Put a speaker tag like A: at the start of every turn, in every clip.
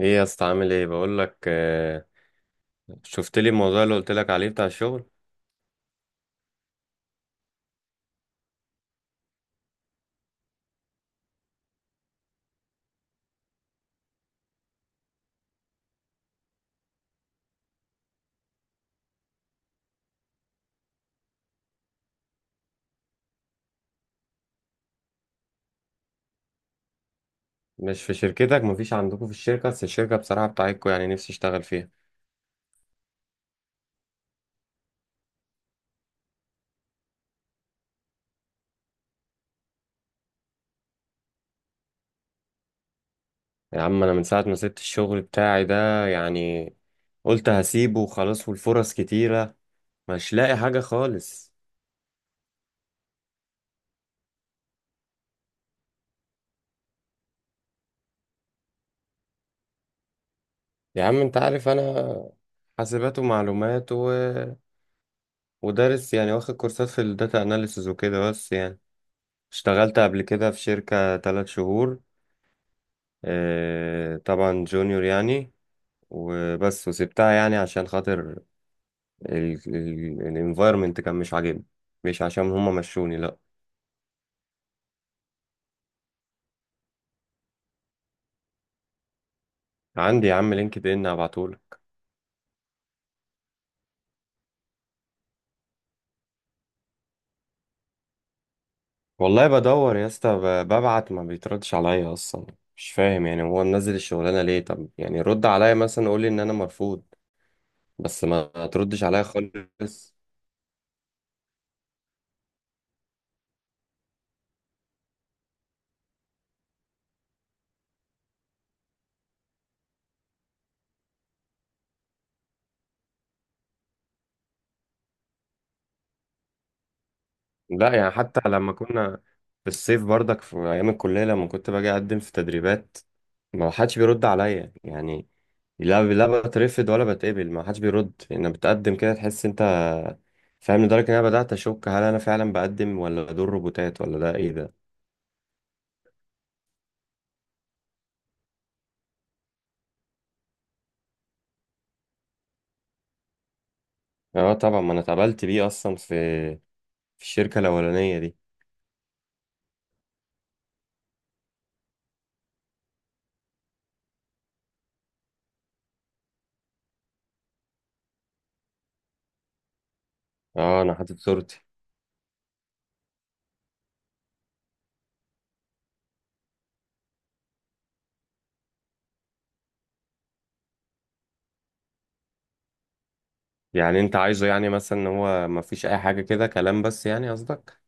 A: ايه يا اسطى؟ عامل ايه؟ بقول لك، شفت لي الموضوع اللي قلت لك عليه بتاع الشغل. مش في شركتك؟ مفيش عندكم في الشركه؟ بس الشركه بصراحه بتاعتكم، يعني نفسي اشتغل فيها. يا عم انا من ساعه ما سبت الشغل بتاعي ده، يعني قلت هسيبه وخلاص، والفرص كتيره، مش لاقي حاجه خالص. يا عم انت عارف، انا حاسبات ومعلومات ودارس، يعني واخد كورسات في الداتا اناليسز وكده. بس يعني اشتغلت قبل كده في شركة 3 شهور. اه طبعا جونيور يعني، وبس. وسبتها يعني عشان خاطر الانفايرمنت كان مش عاجبني، مش عشان هما مشوني، لا. عندي يا عم لينكد ان، هبعتهولك. والله بدور يا اسطى، ببعت، ما بيتردش عليا اصلا. مش فاهم يعني هو منزل الشغلانه ليه؟ طب يعني رد عليا مثلا، قول لي ان انا مرفوض، بس ما تردش عليا خالص. لا يعني، حتى لما كنا في الصيف برضك، في ايام الكليه لما كنت باجي اقدم في تدريبات، ما حدش بيرد عليا يعني. لا، لا بترفض ولا بتقبل، ما حدش بيرد. انا بتقدم كده تحس انت فاهم، لدرجة ان انا بدأت اشك هل انا فعلا بقدم ولا دول روبوتات ولا ده ايه ده. اه طبعا، ما انا اتقبلت بيه اصلا في الشركة الاولانية دي. اه انا حاطط صورتي. يعني انت عايزه يعني مثلا ان هو ما فيش اي حاجة كده، كلام بس يعني، قصدك؟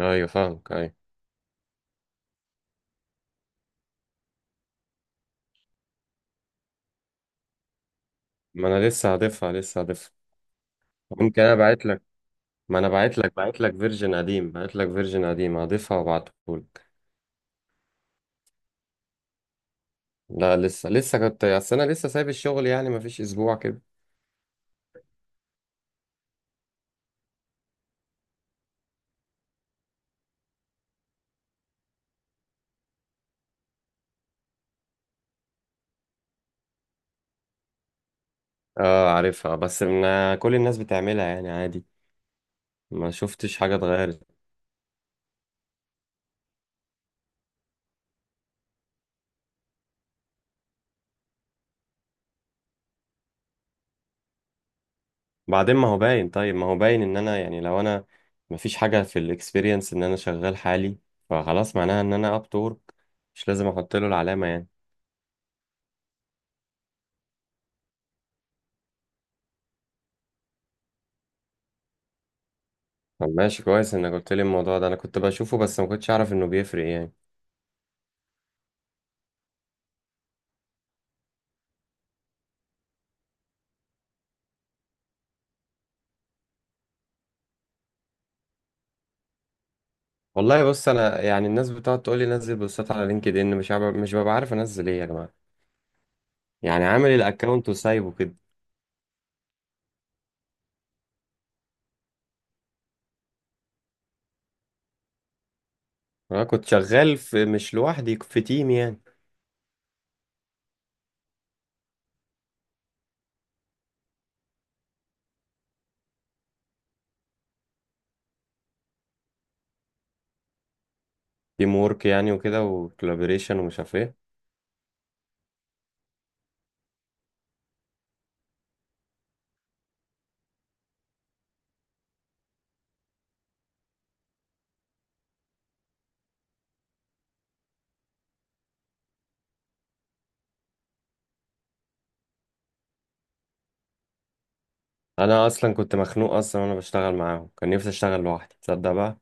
A: ايوه، فاهمك، ايوه. ما انا لسه هضيفها. ممكن، انا بعت لك. ما انا بعت لك فيرجن قديم، بعت لك فيرجن قديم، هضيفها وابعته. لا، لسه كنت، اصل انا لسه سايب الشغل يعني، ما فيش اسبوع كده. اه عارفها، بس من كل الناس بتعملها، يعني عادي، ما شفتش حاجه اتغيرت. بعدين ما هو باين، طيب ما هو باين ان انا يعني، لو انا ما فيش حاجه في الاكسبيرينس ان انا شغال حالي، فخلاص معناها ان انا اب تورك، مش لازم احط له العلامه يعني. طب ماشي، كويس انك قلت لي الموضوع ده، انا كنت بشوفه بس ما كنتش اعرف انه بيفرق يعني. والله بص، انا يعني، الناس بتقعد تقول لي نزل بوستات على لينكد ان، مش ببقى عارف انزل ايه يا جماعه، يعني عامل الاكونت وسايبه كده. انا كنت شغال في، مش لوحدي، في تيم يعني. تيم وورك يعني وكده، وكولابوريشن ومش عارف ايه. انا اصلا كنت مخنوق اصلا وانا بشتغل معاهم، كان نفسي اشتغل لوحدي تصدق بقى.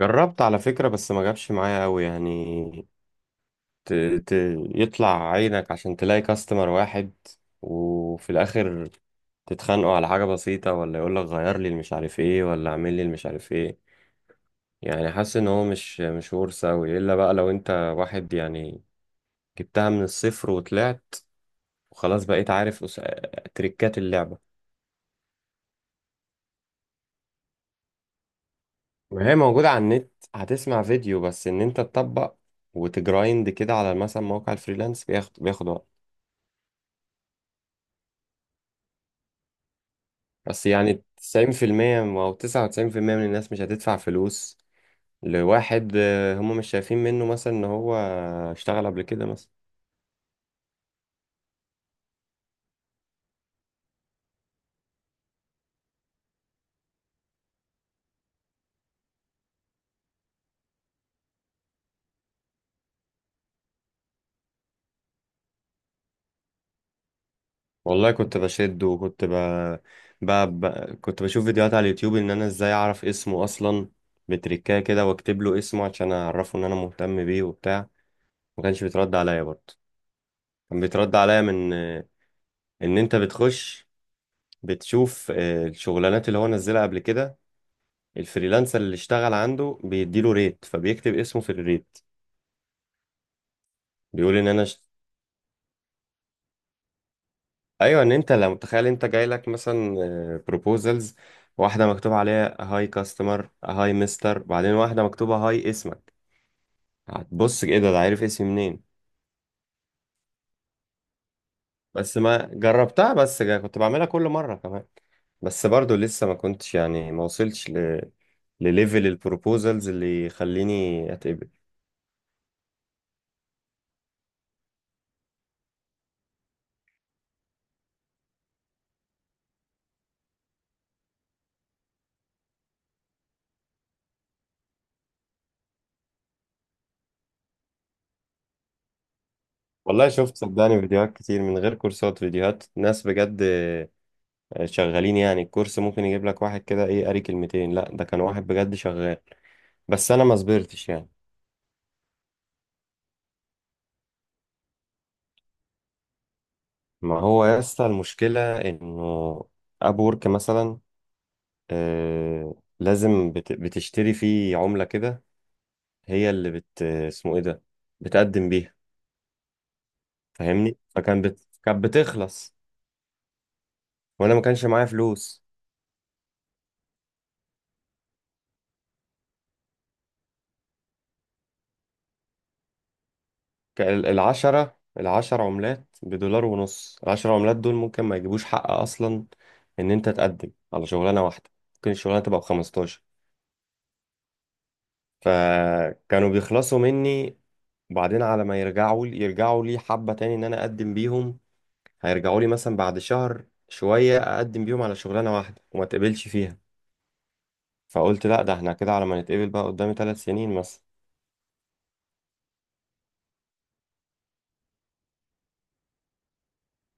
A: جربت على فكرة، بس ما جابش معايا قوي يعني. ت... ت... يطلع عينك عشان تلاقي كاستمر واحد، وفي الاخر تتخانقوا على حاجة بسيطة، ولا يقول لك غير لي المش عارف ايه، ولا اعمل لي المش عارف ايه، يعني حاسس ان هو مش ورثة قوي، الا بقى لو انت واحد يعني جبتها من الصفر وطلعت، وخلاص بقيت عارف تريكات اللعبة. ما هي موجودة على النت، هتسمع فيديو، بس ان انت تطبق وتجرايند كده على مثلا موقع الفريلانس بياخد وقت. بس يعني 90% او 99% من الناس مش هتدفع فلوس لواحد، هم مش شايفين منه مثلا ان هو اشتغل قبل كده مثلا. والله كنت بشد، وكنت ب... ب... ب... كنت بشوف فيديوهات على اليوتيوب ان انا ازاي اعرف اسمه اصلا، بتريكاه كده واكتب له اسمه عشان اعرفه ان انا مهتم بيه وبتاع. ما كانش بيترد عليا برضه. كان بيترد عليا من ان انت بتخش، بتشوف الشغلانات اللي هو نزلها قبل كده، الفريلانسر اللي اشتغل عنده بيديله ريت، فبيكتب اسمه في الريت. بيقول ان انا ايوه، ان انت لو متخيل انت جاي لك مثلا بروبوزلز، واحده مكتوب عليها هاي كاستمر هاي مستر، بعدين واحده مكتوبه هاي اسمك، هتبص ايه ده، ده عارف اسمي منين؟ بس ما جربتها، بس كنت بعملها كل مرة كمان، بس برضو لسه ما كنتش يعني، ما وصلتش لليفل البروبوزلز اللي يخليني اتقبل. والله شفت صدقني فيديوهات كتير من غير كورسات، فيديوهات ناس بجد شغالين يعني. الكورس ممكن يجيب لك واحد كده ايه، قاري كلمتين، لا ده كان واحد بجد شغال، بس انا ما صبرتش يعني. ما هو يا اسطى المشكلة انه اب وورك مثلا، آه لازم بتشتري فيه عملة كده، هي اللي اسمه ايه ده، بتقدم بيها. فاهمني، فكان كانت بتخلص، وانا ما كانش معايا فلوس. العشر عملات بدولار ونص، العشر عملات دول ممكن ما يجيبوش حق اصلا ان انت تقدم على شغلانة واحدة، ممكن الشغلانة تبقى بـ15. فكانوا بيخلصوا مني، وبعدين على ما يرجعوا لي، حبة تاني ان انا اقدم بيهم، هيرجعوا لي مثلا بعد شهر شوية اقدم بيهم على شغلانة واحدة وما تقبلش فيها، فقلت لا، ده احنا كده على ما نتقبل بقى قدامي 3 سنين مثلا.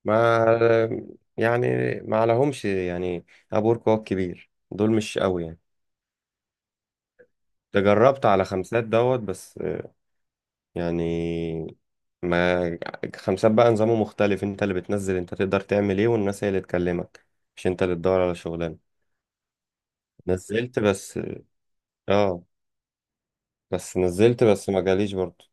A: ما يعني ما عليهمش يعني، ابورك هو الكبير، دول مش قوي يعني. تجربت على خمسات دوت بس يعني، ما خمسات بقى نظامه مختلف، انت اللي بتنزل انت تقدر تعمل ايه، والناس هي اللي تكلمك، مش انت اللي تدور على شغلانه. نزلت بس، اه بس نزلت، بس ما جاليش برضه.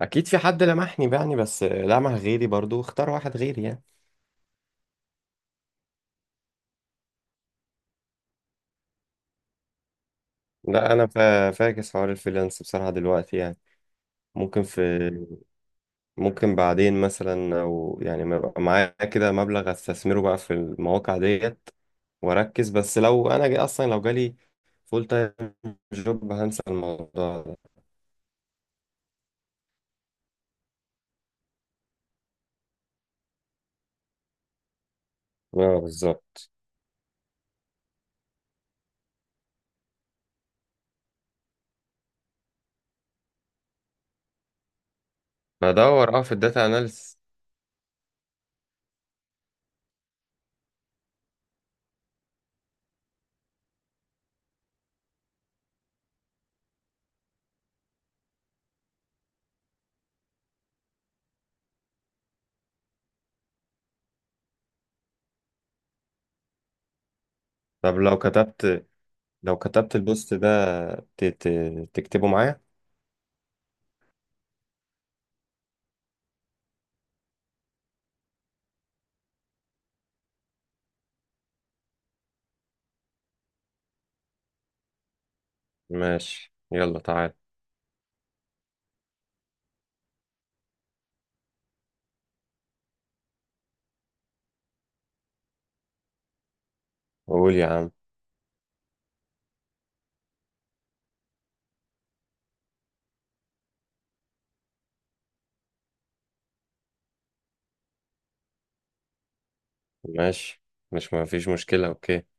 A: اكيد في حد لمحني يعني، بس لمح غيري برضه، اختار واحد غيري يعني. لا انا فاكس حوار الفريلانس بصراحه دلوقتي يعني. ممكن في ممكن بعدين مثلا، او يعني ما يبقى معايا كده مبلغ استثمره بقى في المواقع ديت، واركز بس. لو انا جاي اصلا، لو جالي فول تايم جوب، هنسى الموضوع ده. اه بالظبط. بدور، اه، في الداتا اناليسيس. طب لو كتبت البوست ده، تكتبه معايا؟ ماشي، يلا تعال. قول يا عم. ماشي، مش ما فيش مشكله، اوكي.